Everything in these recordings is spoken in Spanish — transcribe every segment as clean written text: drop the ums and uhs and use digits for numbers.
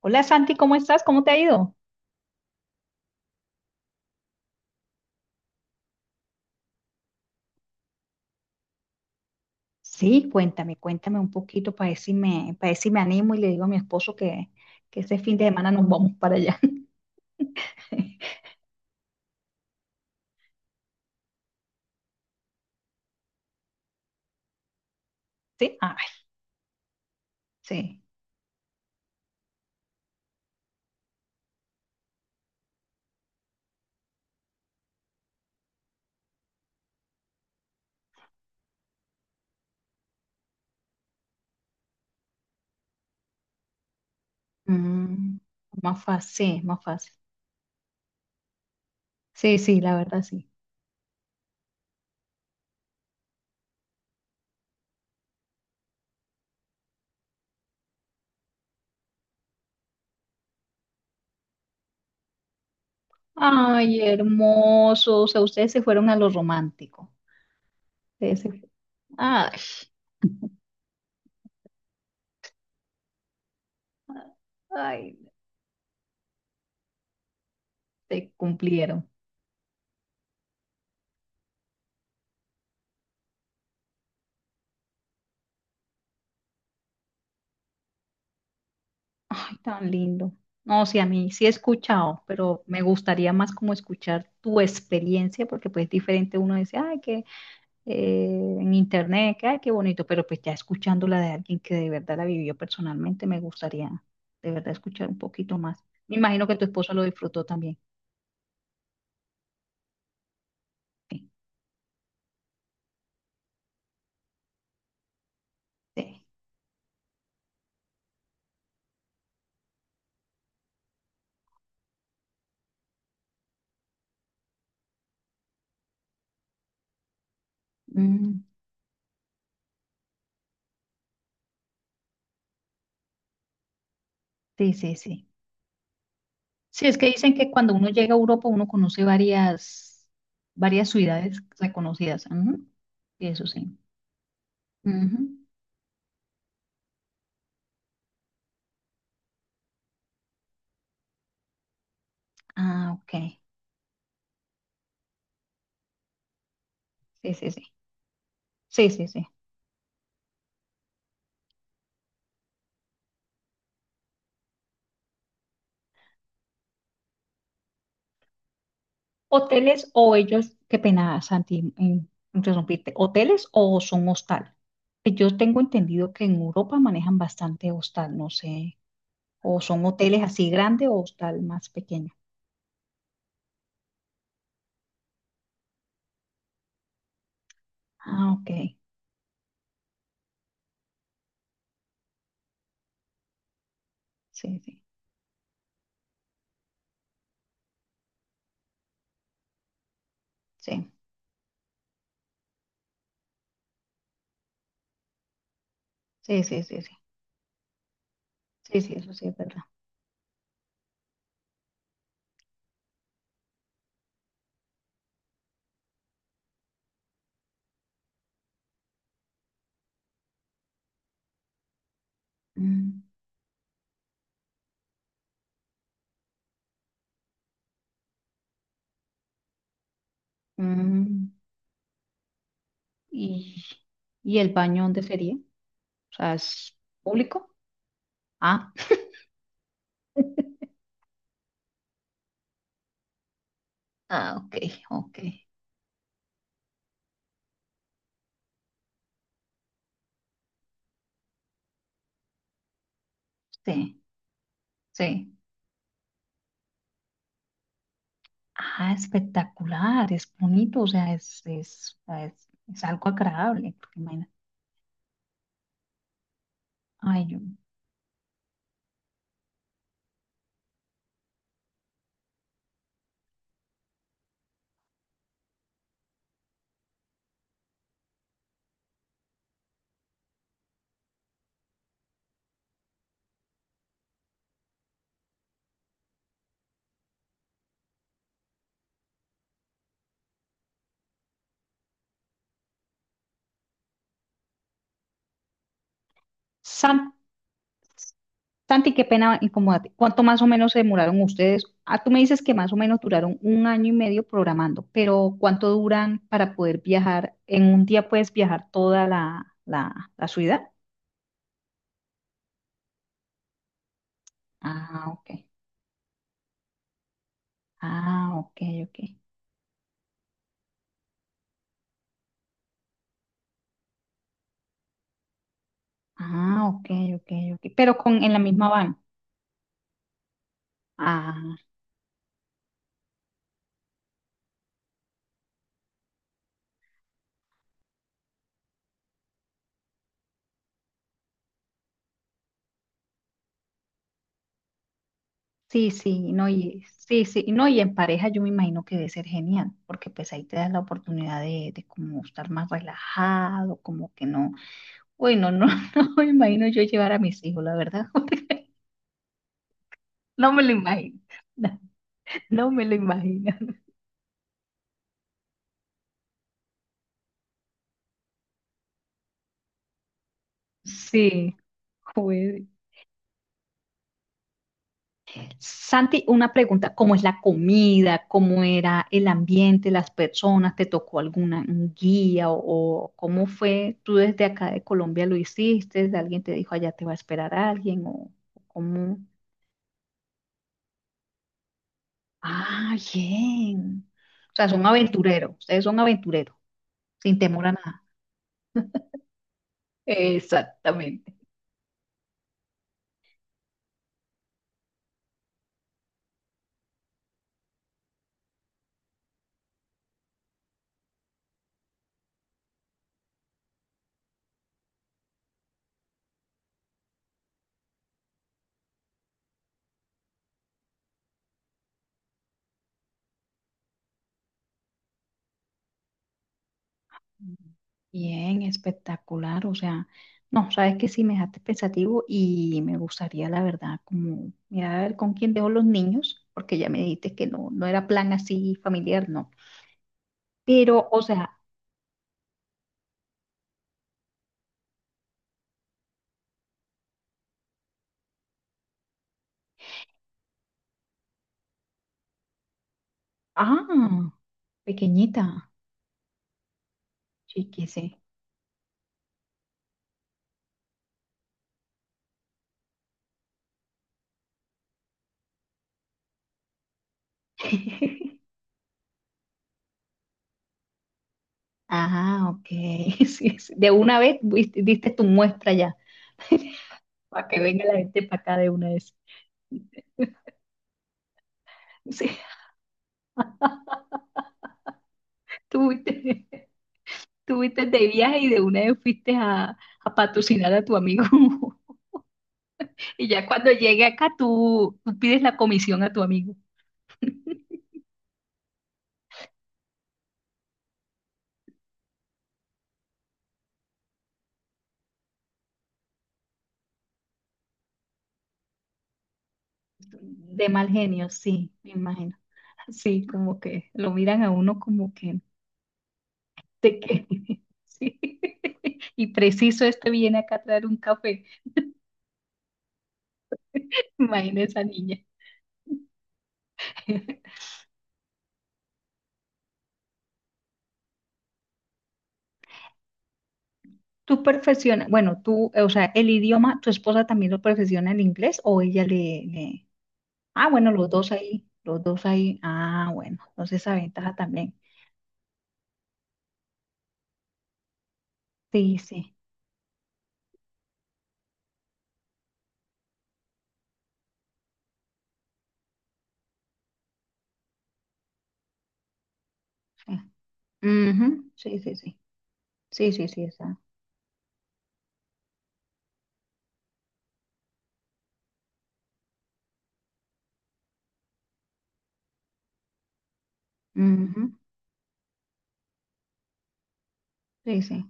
Hola Santi, ¿cómo estás? ¿Cómo te ha ido? Sí, cuéntame, cuéntame un poquito para ver para ver si me animo y le digo a mi esposo que ese fin de semana nos vamos para allá. Sí, ah, ay, sí. Mm, más fácil, sí, más fácil. Sí, sí, la verdad sí. Ay, hermoso. O sea, ustedes se fueron a lo romántico. Ustedes se- Ay, ay, te cumplieron. Tan lindo. No, sí, a mí sí he escuchado, pero me gustaría más como escuchar tu experiencia, porque pues es diferente, uno dice, ay, que en internet, que ay, qué bonito, pero pues ya escuchándola de alguien que de verdad la vivió personalmente, me gustaría de verdad escuchar un poquito más. Me imagino que tu esposo lo disfrutó también. Sí, sí. Mm, sí, sí. Sí, sí, es que dicen que cuando uno llega a Europa, uno conoce varias ciudades reconocidas. Ujú. Y eso sí. Ujú. Ah, ok. Sí, sí, sí. Sí, sí, sí. Hoteles o ellos, qué pena, Santi, interrumpirte. ¿Hoteles o son hostal? Yo tengo entendido que en Europa manejan bastante hostal, no sé, o son hoteles así grandes o hostal más pequeño. Ah, ok. Sí, sí, sí, sí, sí, sí, sí, sí, sí, eso sí es verdad. Mm, mm. ¿Y, y el baño dónde sería? O sea, ¿es público? Ah, ah, ok, ok, sí, sí. Ah, espectacular, es bonito, o sea, es, o sea, es algo agradable, porque ay, yo, San- Santi, qué pena incomodarte. ¿Cuánto más o menos se demoraron ustedes? Ah, tú me dices que más o menos duraron un año y medio programando, pero ¿cuánto duran para poder viajar? ¿En un día puedes viajar toda la ciudad? Ah, ok. Ah, ok, ok. Ah, ok, ok, ok. Pero con, en la misma van. Sí, sí, no, y sí, sí, no, y en pareja yo me imagino que debe ser genial, porque pues ahí te das la oportunidad de como estar más relajado, como que no, bueno, no, no me imagino yo llevar a mis hijos, la verdad, no me lo imagino, no, me lo imagino, sí, joder. Santi, una pregunta, ¿cómo es la comida? ¿Cómo era el ambiente, las personas? ¿Te tocó alguna un guía o cómo fue? ¿Tú desde acá de Colombia lo hiciste? ¿Alguien te dijo allá te va a esperar alguien? O cómo? Ah, bien. O sea, son aventureros, ustedes son aventureros, sin temor a nada. Exactamente. Bien, espectacular. O sea, no, sabes que sí me dejaste pensativo y me gustaría, la verdad, como mirar a ver con quién dejo los niños, porque ya me dijiste que no, no era plan así familiar, no. Pero, o sea, ah, pequeñita, chiquise. Ah, ok. Sí, sí. De una vez diste tu muestra ya, para que venga la gente para acá de una vez. Sí, tú viste. Tuviste de viaje y de una vez a patrocinar a tu amigo. Y ya cuando llegue acá, tú pides la comisión a tu amigo. De mal genio, sí, me imagino. Sí, como que lo miran a uno como que, ¿de qué? Sí. Y preciso este viene acá a traer un café. Imagina esa niña. Tú perfeccionas, bueno, tú, o sea, el idioma, ¿tu esposa también lo perfecciona el inglés o ella le- Ah, bueno, los dos ahí, los dos ahí. Ah, bueno, entonces esa ventaja también. Sí, sí, sí. Ujú, sí, sí, sí. Sí, sí, sí, esa. Ujú, sí, sí.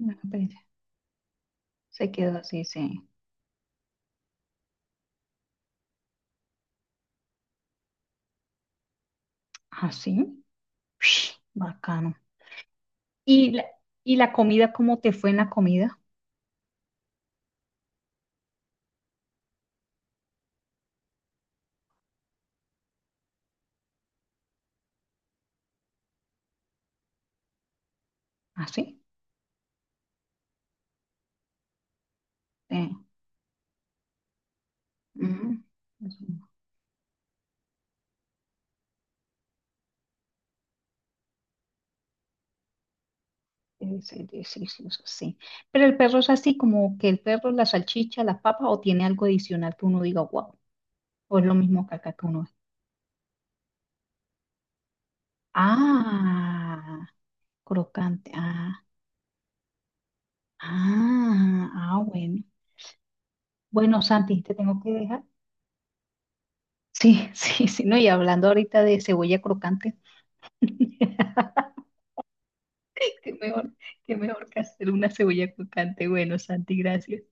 Una experiencia. Se quedó así, sí. Así. Ush, bacano. ¿Y la, y la comida, cómo te fue en la comida? Así. Sí. Ujú. Sí, sí, sí, sí, sí, eso sí. Pero el perro es así, como que el perro, la salchicha, las papas, o tiene algo adicional que uno diga, wow, o es lo mismo que acá que uno. Ah, crocante. Ah, ah, ah, bueno. Bueno, Santi, te tengo que dejar. Sí, sí, sí, no, y hablando ahorita de cebolla crocante, qué mejor, qué mejor que hacer una cebolla crocante. Bueno, Santi, gracias.